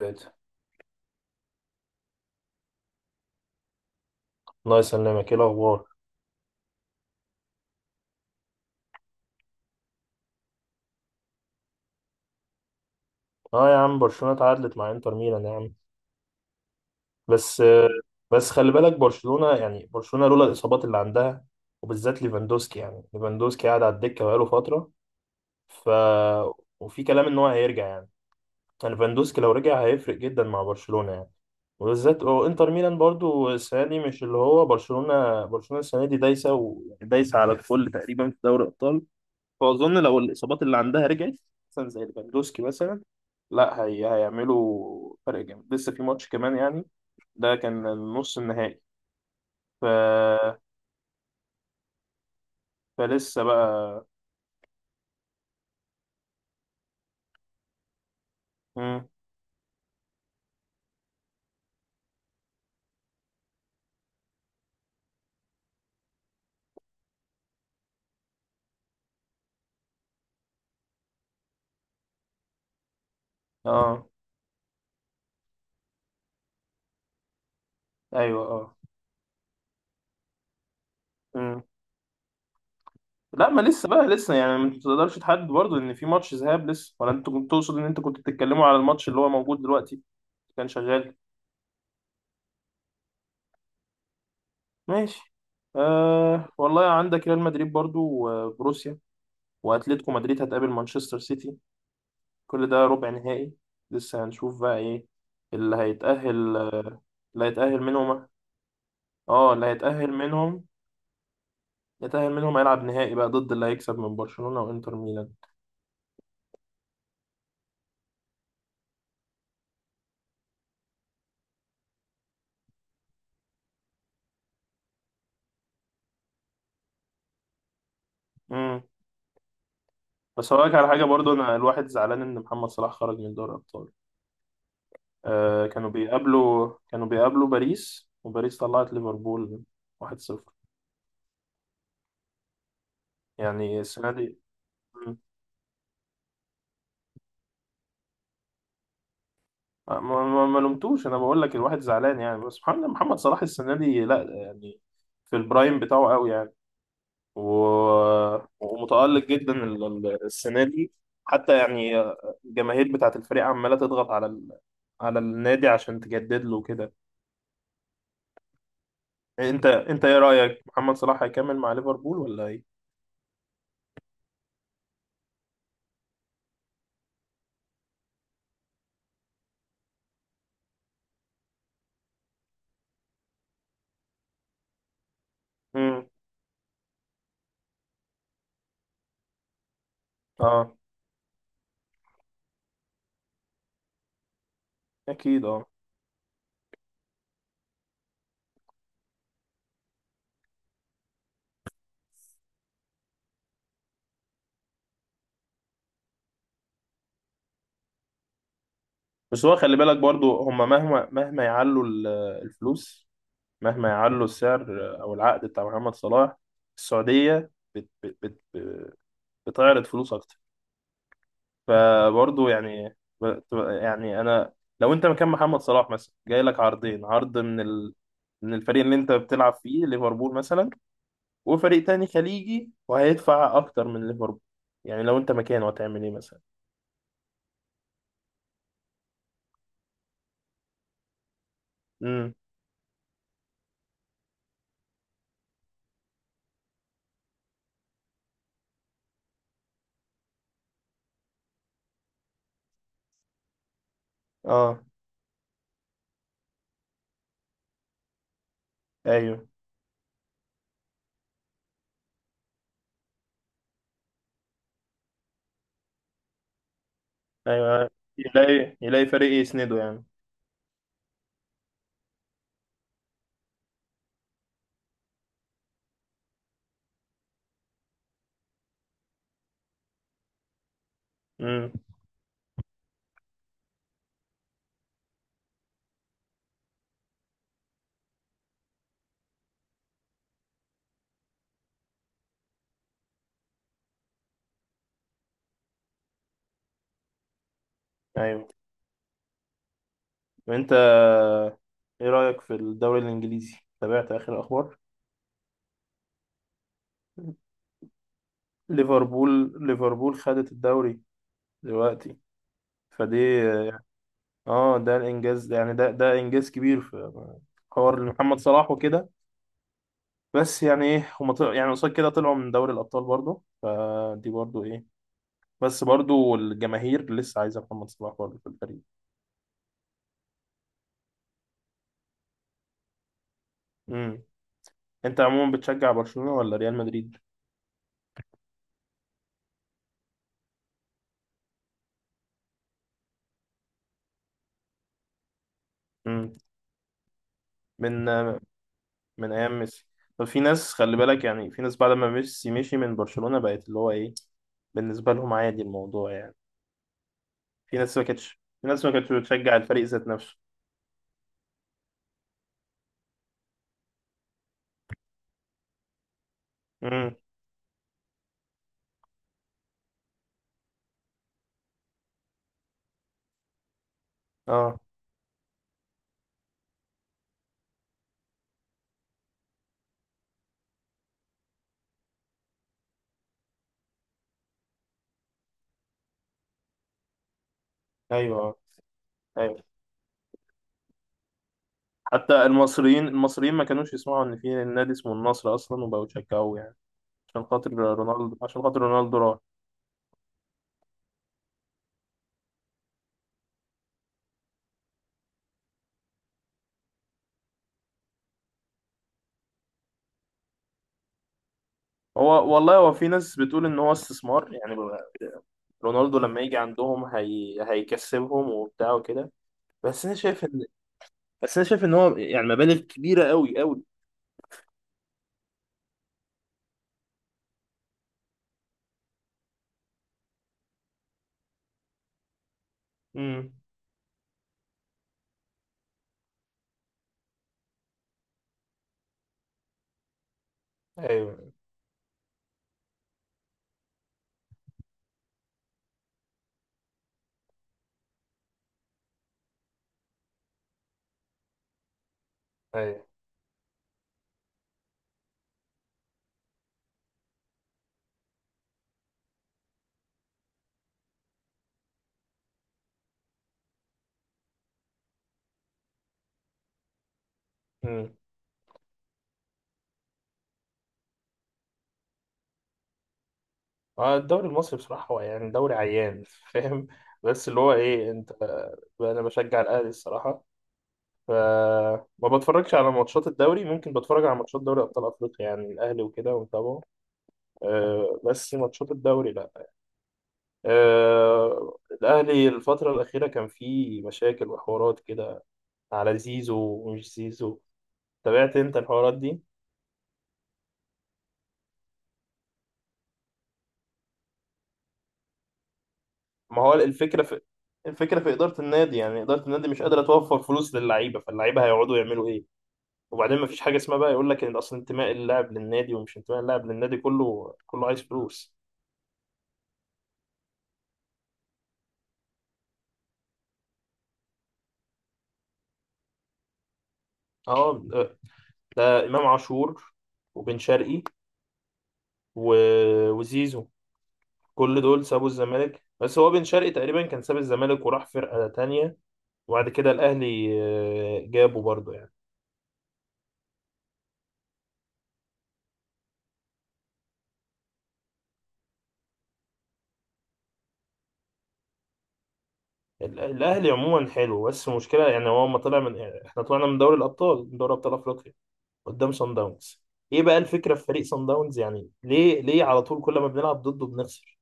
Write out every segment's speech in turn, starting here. بيت، الله يسلمك، ايه الاخبار؟ اه يا عم، برشلونه اتعادلت مع انتر ميلان يا عم. بس بس خلي بالك برشلونه، يعني برشلونه لولا الاصابات اللي عندها، وبالذات ليفاندوسكي. يعني ليفاندوسكي قاعد على الدكه بقاله فتره. ف وفي كلام ان هو هيرجع يعني. يعني ليفاندوسكي لو رجع هيفرق جدا مع برشلونه يعني. وبالذات وانتر ميلان برضو السنه دي، مش اللي هو برشلونه السنه دي دايسه ودايسه على الكل تقريبا في دوري الابطال. فأظن لو الإصابات اللي عندها رجعت، مثلا زي ليفاندوسكي مثلا، لا هي هيعملوا فرق جامد لسه في ماتش كمان يعني. ده كان النص النهائي. ف... فلسه بقى. مم. اه، ايوه اه. مم. لا ما لسه بقى، لسه يعني ما تقدرش تحدد برضه ان في ماتش ذهاب لسه، ولا انت كنت تقصد ان انت كنت بتتكلموا على الماتش اللي هو موجود دلوقتي؟ كان شغال. ماشي. آه والله، عندك ريال مدريد برضه وبروسيا، واتلتيكو مدريد هتقابل مانشستر سيتي، كل ده ربع نهائي. لسه هنشوف بقى ايه اللي هيتأهل، آه، اللي هيتأهل منهم. اه، اللي هيتأهل منهم يتأهل منهم هيلعب نهائي بقى ضد اللي هيكسب من برشلونة وانتر ميلان. امم. بس هقولك على حاجة برضو، انا الواحد زعلان ان محمد صلاح خرج من دوري الابطال. آه، كانوا بيقابلوا باريس، وباريس طلعت ليفربول 1-0. يعني السنة دي. مم. ما لومتوش، انا بقول لك الواحد زعلان يعني. بس سبحان الله، محمد صلاح السنة دي لا يعني، في البرايم بتاعه قوي يعني. و- ومتألق جدا. السنة دي. حتى يعني الجماهير بتاعة الفريق عمالة تضغط على النادي عشان تجدد له كده. انت ايه رأيك، محمد صلاح هيكمل مع ليفربول ولا ايه؟ امم. اه اكيد اه. بس هو خلي بالك برضو هما مهما الفلوس، مهما يعلوا السعر او العقد بتاع محمد صلاح، السعودية بتعرض فلوس اكتر. فبرضه يعني ب- يعني انا، لو انت مكان محمد صلاح مثلا جاي لك عرضين، عرض من الفريق اللي انت بتلعب فيه ليفربول مثلا، وفريق تاني خليجي وهيدفع اكتر من ليفربول، يعني لو انت مكانه هتعمل ايه مثلا؟ امم. اه، ايوه. ايوه. يلاقي فريق يسنده يعني. امم. ايوه. وانت ايه رايك في الدوري الانجليزي؟ تابعت اخر اخبار؟ ليفربول خدت الدوري دلوقتي فدي. اه، ده الانجاز يعني، ده انجاز كبير في حوار محمد صلاح وكده. بس يعني ايه، هم طلعوا يعني قصاد كده، طلعوا من دوري الابطال برضو فدي برضو ايه. بس برضو الجماهير لسه عايزه محمد صلاح برضو في الفريق. امم. انت عموما بتشجع برشلونه ولا ريال مدريد؟ امم. من، من ايام ميسي. طب في ناس خلي بالك، يعني في ناس بعد ما ميسي مشي من برشلونه بقت اللي هو ايه، بالنسبه لهم عادي الموضوع يعني. في ناس ما كانتش في ناس ما كانتش بتشجع الفريق ذات نفسه. امم. اه، ايوه. آه. حتى المصريين ما كانوش يسمعوا ان في نادي اسمه النصر اصلا وبقوا يشجعوه يعني. عشان خاطر رونالدو راح. هو والله، هو في ناس بتقول ان هو استثمار يعني، رونالدو لما يجي عندهم هيكسبهم وبتاع وكده. بس انا شايف ان بس انا شايف ان هو يعني مبالغ كبيرة قوي. امم. ايوه. ايوه. امم. آه، الدوري المصري بصراحة هو يعني دوري عيان فاهم. بس اللي هو ايه انت، انا بشجع الاهلي الصراحة، فما بتفرجش على ماتشات الدوري، ممكن بتفرج على ماتشات دوري ابطال افريقيا، يعني الاهلي وكده ومتابعه. أه بس ماتشات الدوري لا. أه الاهلي الفتره الاخيره كان فيه مشاكل وحوارات كده، على زيزو ومش زيزو. تابعت انت الحوارات دي؟ ما هو الفكره في الفكره في اداره النادي، يعني اداره النادي مش قادره توفر فلوس للعيبه، فاللعيبه هيقعدوا يعملوا ايه؟ وبعدين ما فيش حاجه اسمها بقى يقول لك ان اصل انتماء اللاعب للنادي ومش انتماء اللاعب للنادي، كله كله عايز فلوس. اه، ده امام عاشور، وبن شرقي، و... وزيزو. كل دول سابوا الزمالك، بس هو بن شرقي تقريبا كان ساب الزمالك وراح فرقة تانية، وبعد كده الاهلي آه، جابه برضه يعني. ال- الاهلي عموما حلو، بس المشكله يعني هو ما طلع من، يعني احنا طلعنا من دوري الابطال، من دوري ابطال افريقيا، قدام صن داونز. ايه بقى الفكره في فريق صن داونز، يعني ليه، ليه على طول كل ما بنلعب ضده بنخسر؟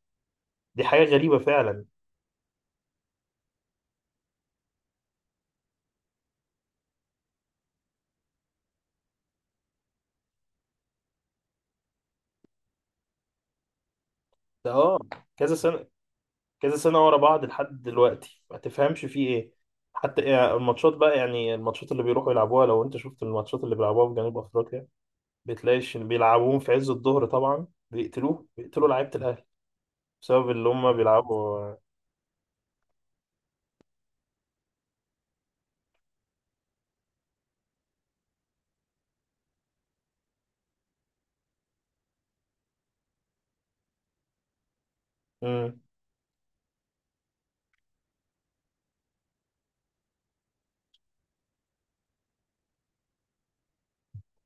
دي حاجه غريبه فعلا. ده اه، كذا سنه، كذا سنة ورا بعض لحد دلوقتي ما تفهمش فيه ايه. حتى يعني الماتشات بقى، يعني الماتشات اللي بيروحوا يلعبوها، لو انت شفت الماتشات اللي بيلعبوها في جنوب افريقيا، بتلاقيش إن بيلعبوهم في عز الظهر، طبعا بيقتلوه، بيقتلوا لعيبة الاهلي بسبب اللي هم بيلعبوا. امم.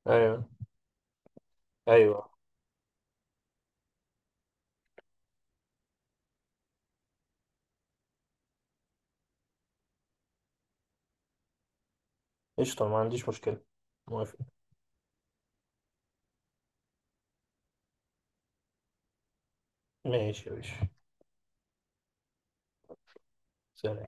ايوه. ايوه. قشطة، ما عنديش مشكلة، موافق. ماشي يا باشا. سلام.